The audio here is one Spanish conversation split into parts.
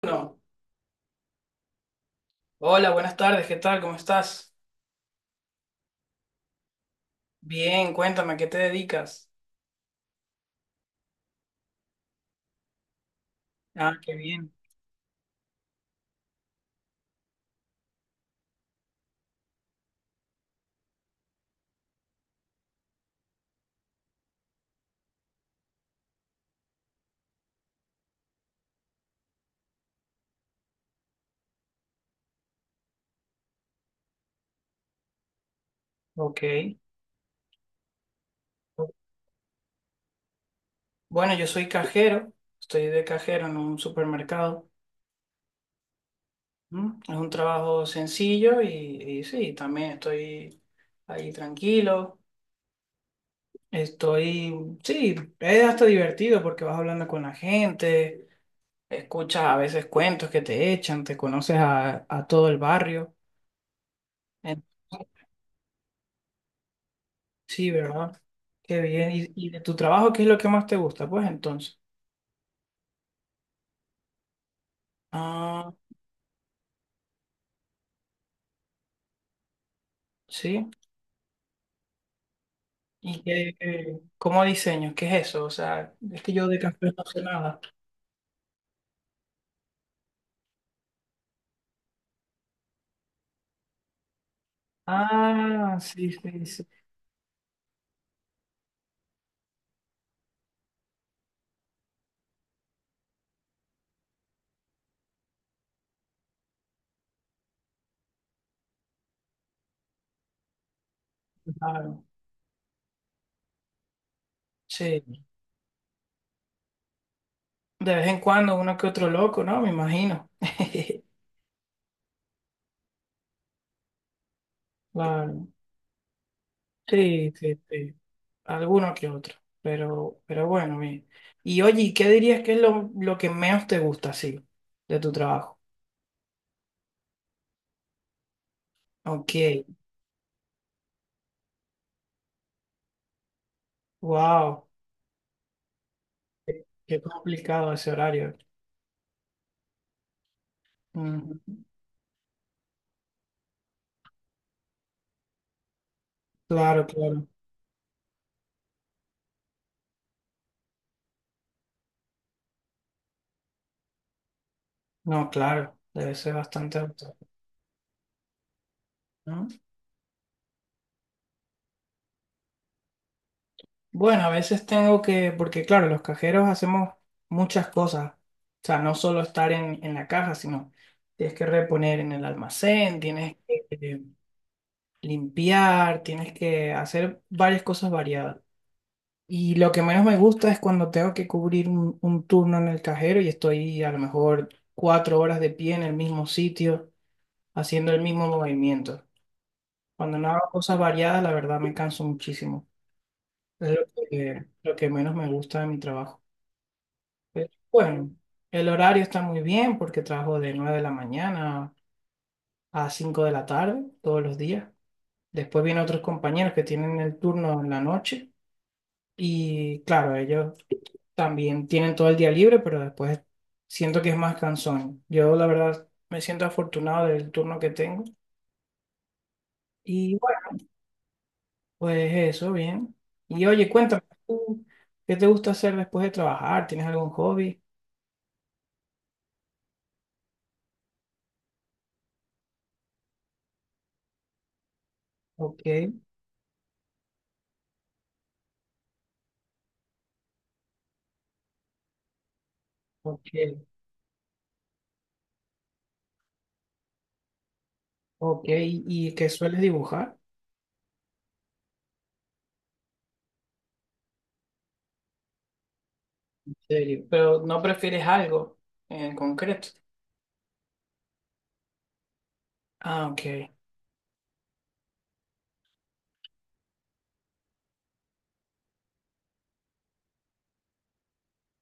Bueno, hola, buenas tardes, ¿qué tal? ¿Cómo estás? Bien, cuéntame, ¿a qué te dedicas? Ah, qué bien. Ok. Bueno, yo soy cajero, estoy de cajero en un supermercado. ¿Mm? Es un trabajo sencillo y sí, también estoy ahí tranquilo. Estoy, sí, es hasta divertido porque vas hablando con la gente, escuchas a veces cuentos que te echan, te conoces a todo el barrio. Sí, ¿verdad? Qué bien. ¿Y de tu trabajo qué es lo que más te gusta? Pues entonces. Ah, sí. ¿Y cómo diseño? ¿Qué es eso? O sea, es que yo de café no sé nada. Ah, sí, sí, sí, claro. Sí. De vez en cuando uno que otro loco, ¿no? Me imagino. Claro. Sí, sí, sí. Alguno que otro. Pero bueno, bien. Y oye, ¿qué dirías que es lo que menos te gusta, sí, de tu trabajo? Ok. Wow. Qué complicado ese horario. Ujú. Claro, claro. No, claro, debe ser bastante alto, ¿no? Bueno, a veces tengo que, porque claro, los cajeros hacemos muchas cosas. O sea, no solo estar en la caja, sino tienes que reponer en el almacén, tienes que limpiar, tienes que hacer varias cosas variadas. Y lo que menos me gusta es cuando tengo que cubrir un turno en el cajero y estoy a lo mejor cuatro horas de pie en el mismo sitio, haciendo el mismo movimiento. Cuando no hago cosas variadas, la verdad me canso muchísimo. Es lo que menos me gusta de mi trabajo. Pero, bueno, el horario está muy bien porque trabajo de 9 de la mañana a 5 de la tarde todos los días. Después vienen otros compañeros que tienen el turno en la noche y claro, ellos también tienen todo el día libre, pero después siento que es más cansón. Yo la verdad me siento afortunado del turno que tengo. Y pues eso, bien. Y oye, cuéntame, ¿tú qué te gusta hacer después de trabajar? ¿Tienes algún hobby? Ok, ok, ok. ¿Y qué sueles dibujar? En serio. Pero no prefieres algo en concreto. Ah, ok,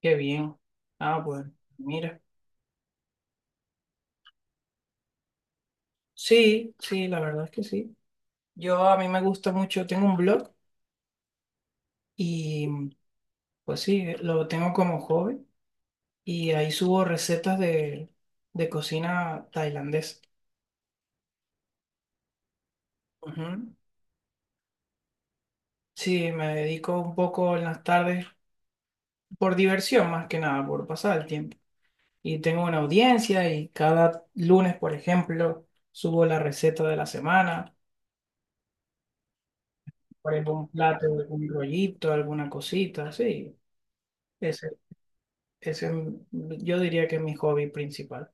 qué bien. Ah, bueno, mira. Sí, sí, la verdad es que sí. Yo a mí me gusta mucho, tengo un blog y pues sí, lo tengo como hobby y ahí subo recetas de cocina tailandesa. Ujú. Sí, me dedico un poco en las tardes por diversión más que nada, por pasar el tiempo. Y tengo una audiencia y cada lunes, por ejemplo, subo la receta de la semana, por algún plato, algún rollito, alguna cosita, sí. Ese, ese es mi- yo diría que es mi hobby principal.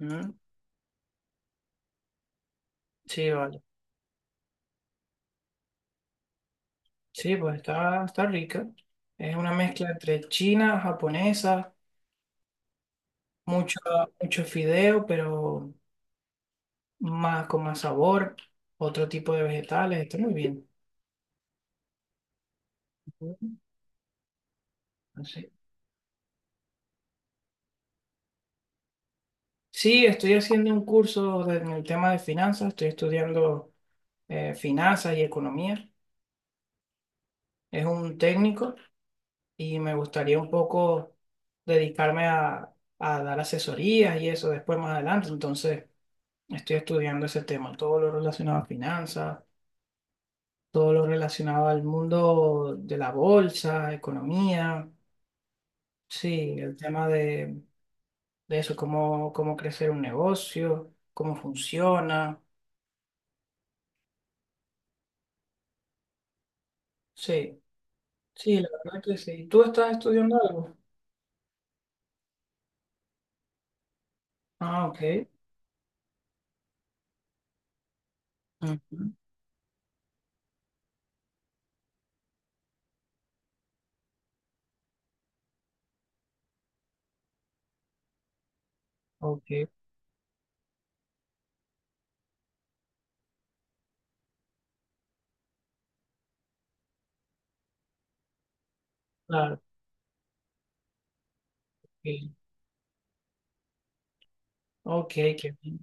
Ujú. Sí, vale. Sí, pues está, está rica. Es una mezcla entre china, japonesa, mucho, mucho fideo, pero más con más sabor, otro tipo de vegetales, está muy bien. Así. Sí, estoy haciendo un curso de- en el tema de finanzas, estoy estudiando finanzas y economía, es un técnico y me gustaría un poco dedicarme a dar asesorías y eso después más adelante, entonces estoy estudiando ese tema, todo lo relacionado a finanzas, todo lo relacionado al mundo de la bolsa, economía. Sí, el tema de eso, cómo, cómo crecer un negocio, cómo funciona. Sí, sí, la verdad que sí. ¿Tú estás estudiando algo? Ah, ok. Ujú, ok, claro. Sí. Ok, qué bien.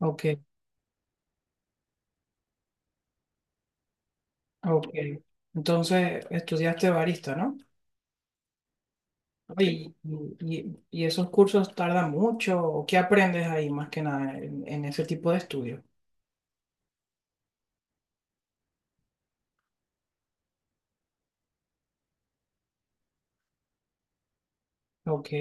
Ok, ok. Entonces, estudiaste barista, ¿no? Oye, ¿Y esos cursos tardan mucho? ¿O qué aprendes ahí más que nada en ese tipo de estudio? Ok,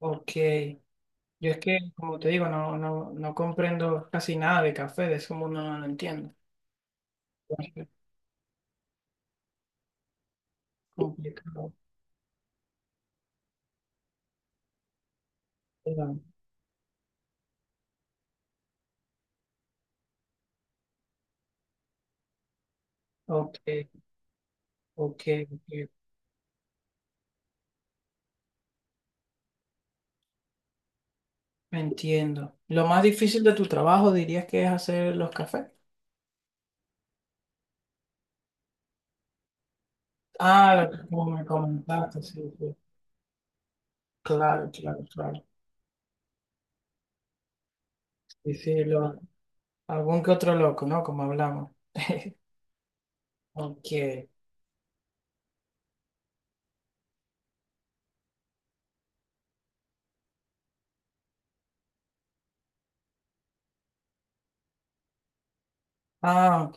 ok. Yo es que, como te digo, no, no, no comprendo casi nada de café, de ese mundo no lo entiendo. Es complicado. Pero, ok, ok, ok, entiendo. Lo más difícil de tu trabajo dirías que es hacer los cafés. Ah, como me comentaste, sí, sí. Claro, claro, claro. Sí, sí, lo- algún que otro loco, ¿no? Como hablamos. Ok. Ah, ok.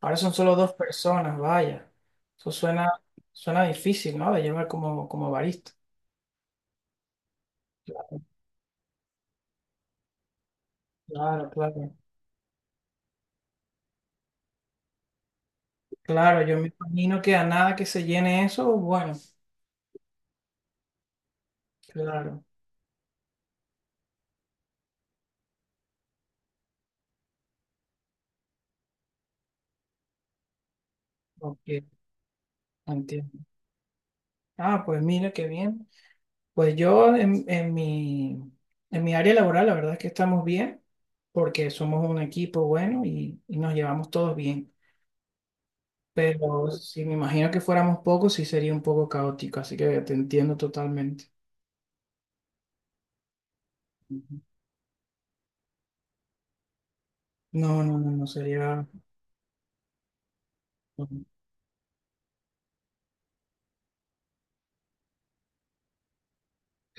Ahora son solo dos personas, vaya. Eso suena, suena difícil, ¿no? De llevar como, como barista. Claro, claro, claro, yo me imagino que a nada que se llene eso, bueno, claro, ok, entiendo. Ah, pues mira, qué bien. Pues yo en mi área laboral, la verdad es que estamos bien, porque somos un equipo bueno y nos llevamos todos bien. Pero si me imagino que fuéramos pocos, sí sería un poco caótico, así que te entiendo totalmente. Ujú. No, no, no, no sería. No.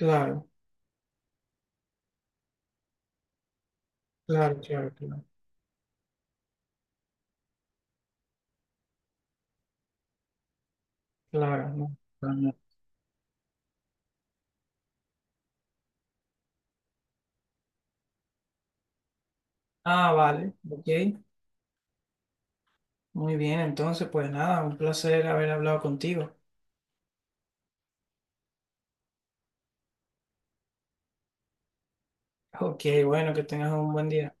Claro, claro, claro, claro, claro, no. No, no. Ah, vale, ok. Muy bien, entonces, pues nada, un placer haber hablado contigo. Ok, bueno, que tengas un buen día.